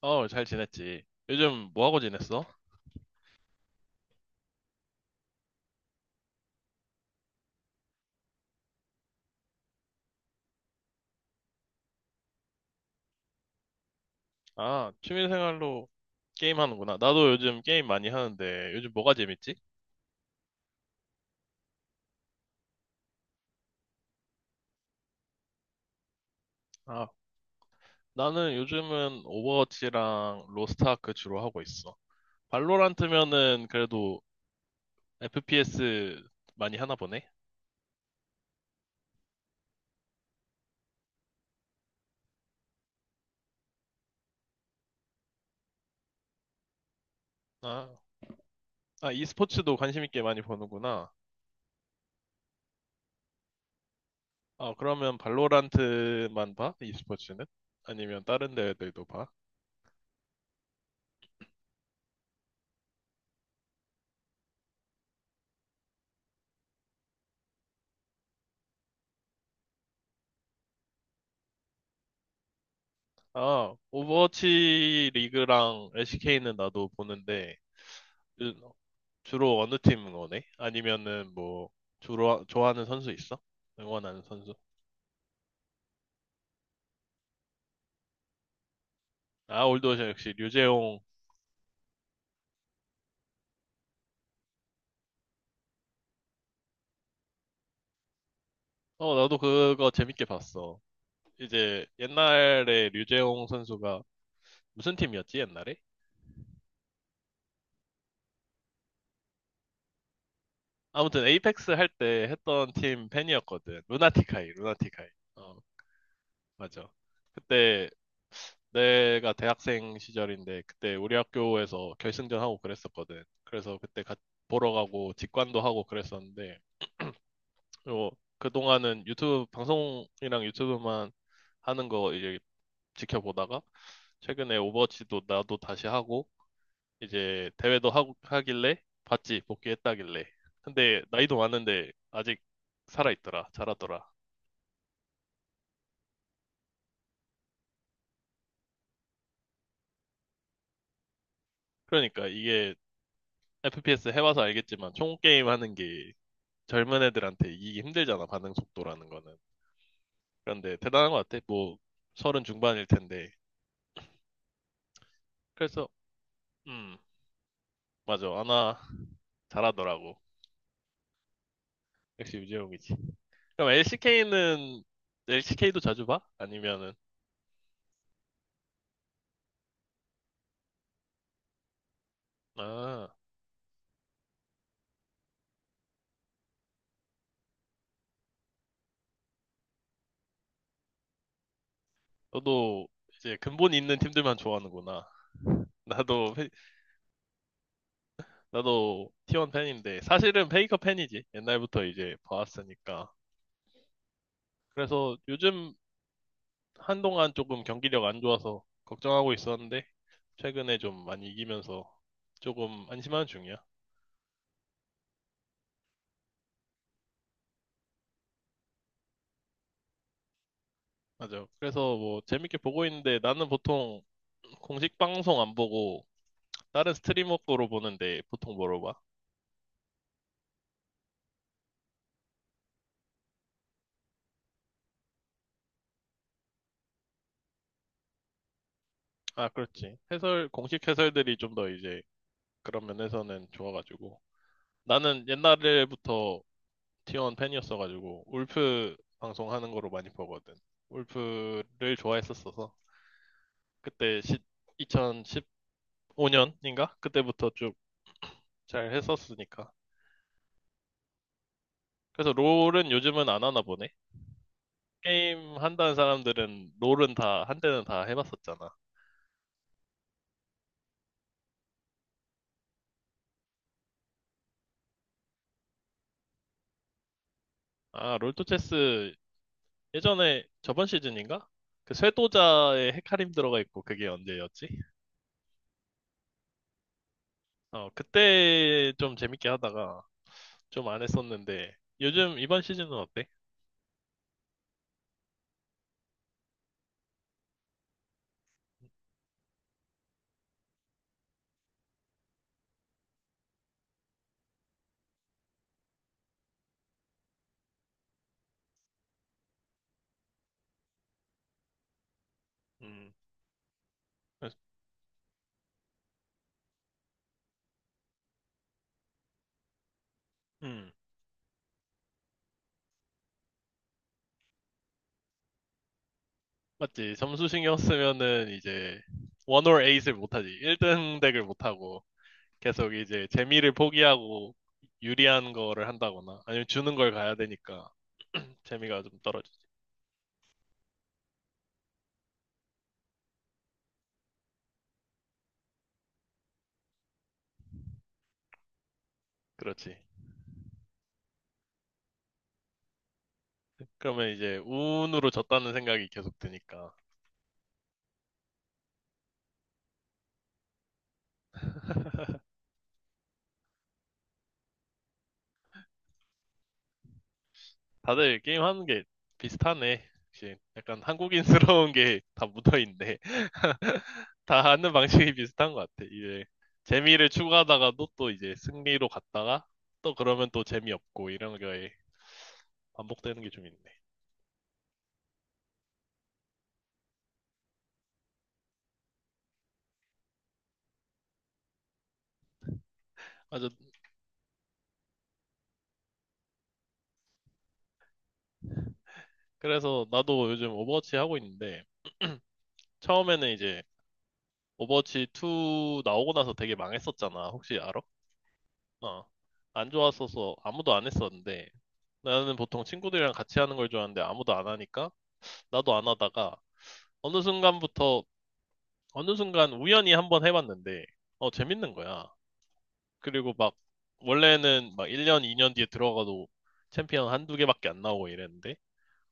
어, 잘 지냈지. 요즘 뭐 하고 지냈어? 아, 취미생활로 게임 하는구나. 나도 요즘 게임 많이 하는데, 요즘 뭐가 재밌지? 아, 나는 요즘은 오버워치랑 로스트아크 주로 하고 있어. 발로란트면은 그래도 FPS 많이 하나 보네? 아, 아, e스포츠도 관심 있게 많이 보는구나. 어, 그러면 발로란트만 봐? e스포츠는? 아니면 다른 대회들도 봐? 아, 오버워치 리그랑 LCK는 나도 보는데, 그- 주로 어느 팀 응원해? 아니면은 뭐, 주로, 좋아하는 선수 있어? 응원하는 선수? 아, 올드오션 역시 류재홍. 어, 나도 그거 재밌게 봤어. 이제 옛날에 류재홍 선수가 무슨 팀이었지, 옛날에? 아무튼 에이펙스 할 때 했던 팀 팬이었거든. 루나티카이, 루나티카이. 어, 맞아. 그때 내가 대학생 시절인데 그때 우리 학교에서 결승전 하고 그랬었거든. 그래서 그때 같이 보러 가고 직관도 하고 그랬었는데, 그리고 그동안은 유튜브 방송이랑 유튜브만 하는 거 이제 지켜보다가, 최근에 오버워치도 나도 다시 하고 이제 대회도 하고 하길래 봤지, 복귀했다길래. 근데 나이도 많은데 아직 살아있더라, 잘하더라. 그러니까 이게 FPS 해봐서 알겠지만 총 게임 하는 게 젊은 애들한테 이기기 힘들잖아, 반응 속도라는 거는. 그런데 대단한 것 같아, 뭐, 서른 중반일 텐데. 그래서, 음, 맞아, 아나 잘하더라고. 역시 유재용이지. 그럼 LCK는? LCK도 자주 봐? 아니면은, 아, 너도 이제 근본이 있는 팀들만 좋아하는구나. 나도 페- 나도 T1 팬인데 사실은 페이커 팬이지. 옛날부터 이제 봐왔으니까. 그래서 요즘 한동안 조금 경기력 안 좋아서 걱정하고 있었는데, 최근에 좀 많이 이기면서 조금 안심하는 중이야. 맞아. 그래서 뭐 재밌게 보고 있는데, 나는 보통 공식 방송 안 보고 다른 스트리머 거로 보는데 보통 뭐로 봐? 아, 그렇지. 해설, 공식 해설들이 좀 더 이제 그런 면에서는 좋아가지고. 나는 옛날부터 티원 팬이었어가지고 울프 방송하는 거로 많이 보거든. 울프를 좋아했었어서 그때 2015년인가? 그때부터 쭉 잘 했었으니까. 그래서 롤은 요즘은 안 하나 보네. 게임 한다는 사람들은 롤은 다 한때는 다 해봤었잖아. 아, 롤토체스 예전에 저번 시즌인가? 그 쇄도자의 헤카림 들어가 있고, 그게 언제였지? 어, 그때 좀 재밌게 하다가 좀 안 했었는데 요즘 이번 시즌은 어때? 음. 음, 맞지. 점수 신경 쓰면은 이제 원 or 에잇을 못하지. 1등 덱을 못하고 계속 이제 재미를 포기하고 유리한 거를 한다거나 아니면 주는 걸 가야 되니까 재미가 좀 떨어지지. 그렇지. 그러면 이제 운으로 졌다는 생각이 계속 드니까. 다들 게임하는 게 비슷하네. 역시 약간 한국인스러운 게 다 묻어있네. 다 하는 방식이 비슷한 것 같아. 이제 재미를 추구하다가도 또 이제 승리로 갔다가 또 그러면 또 재미없고 이런 게 반복되는 게 좀 있네. 맞아. 그래서 나도 요즘 오버워치 하고 있는데 처음에는 이제 오버워치 2 나오고 나서 되게 망했었잖아. 혹시 알아? 어. 안 좋았어서 아무도 안 했었는데 나는 보통 친구들이랑 같이 하는 걸 좋아하는데 아무도 안 하니까 나도 안 하다가 어느 순간부터 어느 순간 우연히 한번 해봤는데, 어, 재밌는 거야. 그리고 막 원래는 막 1년, 2년 뒤에 들어가도 챔피언 한 두 개밖에 안 나오고 이랬는데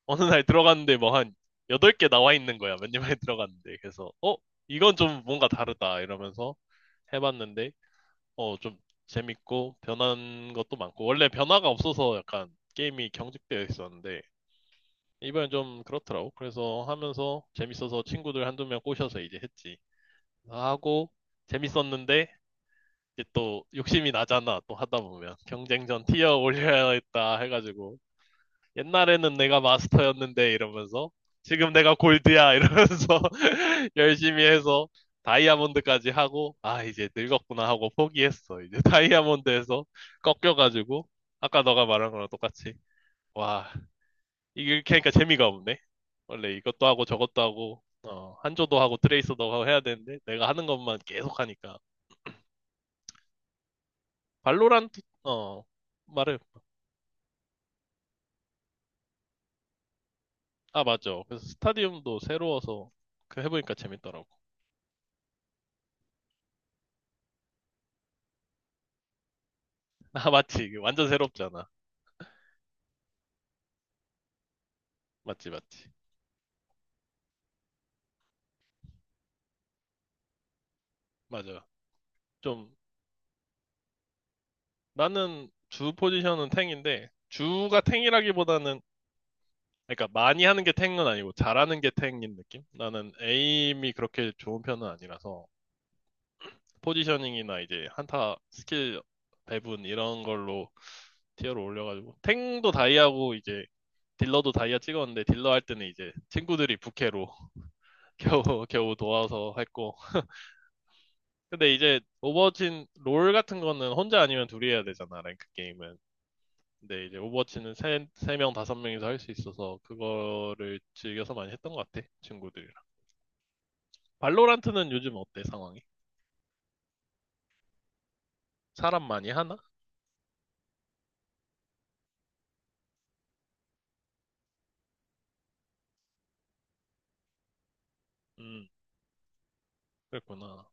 어느 날 들어갔는데 뭐 한 8개 나와 있는 거야. 몇 년 만에 들어갔는데. 그래서, 어, 이건 좀 뭔가 다르다 이러면서 해봤는데, 어, 좀 재밌고 변한 것도 많고 원래 변화가 없어서 약간 게임이 경직되어 있었는데 이번엔 좀 그렇더라고. 그래서 하면서 재밌어서 친구들 한두 명 꼬셔서 이제 했지. 하고 재밌었는데 이제 또 욕심이 나잖아. 또 하다 보면 경쟁전 티어 올려야겠다 해가지고 옛날에는 내가 마스터였는데 이러면서 지금 내가 골드야 이러면서 열심히 해서 다이아몬드까지 하고, 아, 이제 늙었구나 하고 포기했어. 이제 다이아몬드에서 꺾여가지고 아까 너가 말한 거랑 똑같이, 와, 이렇게 하니까 재미가 없네. 원래 이것도 하고 저것도 하고, 어, 한조도 하고 트레이서도 하고 해야 되는데, 내가 하는 것만 계속 하니까. 발로란트, 어, 말해. 아, 맞아. 그래서 스타디움도 새로워서 그 해보니까 재밌더라고. 아, 맞지. 이게 완전 새롭잖아. 맞지, 맞지. 맞아. 좀, 나는 주 포지션은 탱인데, 주가 탱이라기보다는, 그러니까 많이 하는 게 탱은 아니고, 잘하는 게 탱인 느낌? 나는 에임이 그렇게 좋은 편은 아니라서. 포지셔닝이나 이제 한타 스킬 배분 이런 걸로 티어를 올려가지고 탱도 다이아고 이제 딜러도 다이아 찍었는데 딜러 할 때는 이제 친구들이 부캐로 겨우 겨우 도와서 했고, 근데 이제 오버워치 롤 같은 거는 혼자 아니면 둘이 해야 되잖아, 랭크 게임은. 근데 이제 오버워치는 세 명, 다섯 명이서 할 수 있어서 그거를 즐겨서 많이 했던 것 같아, 친구들이랑. 발로란트는 요즘 어때, 상황이? 사람 많이 하나? 음, 그랬구나.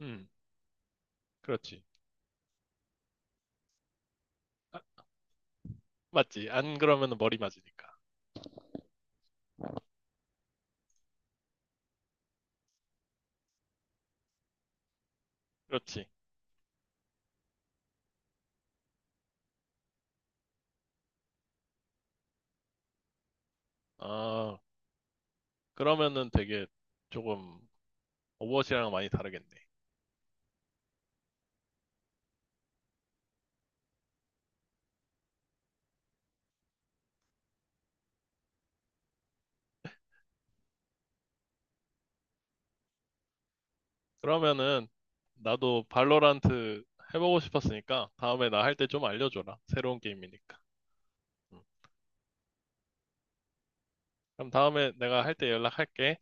음, 그렇지. 맞지? 안 그러면 머리 맞으니까. 그렇지. 아, 그러면은 되게 조금 오버워치랑 많이 다르겠네. 그러면은 나도 발로란트 해보고 싶었으니까 다음에 나 할 때 좀 알려줘라. 새로운 게임이니까. 음. 그럼 다음에 내가 할 때 연락할게.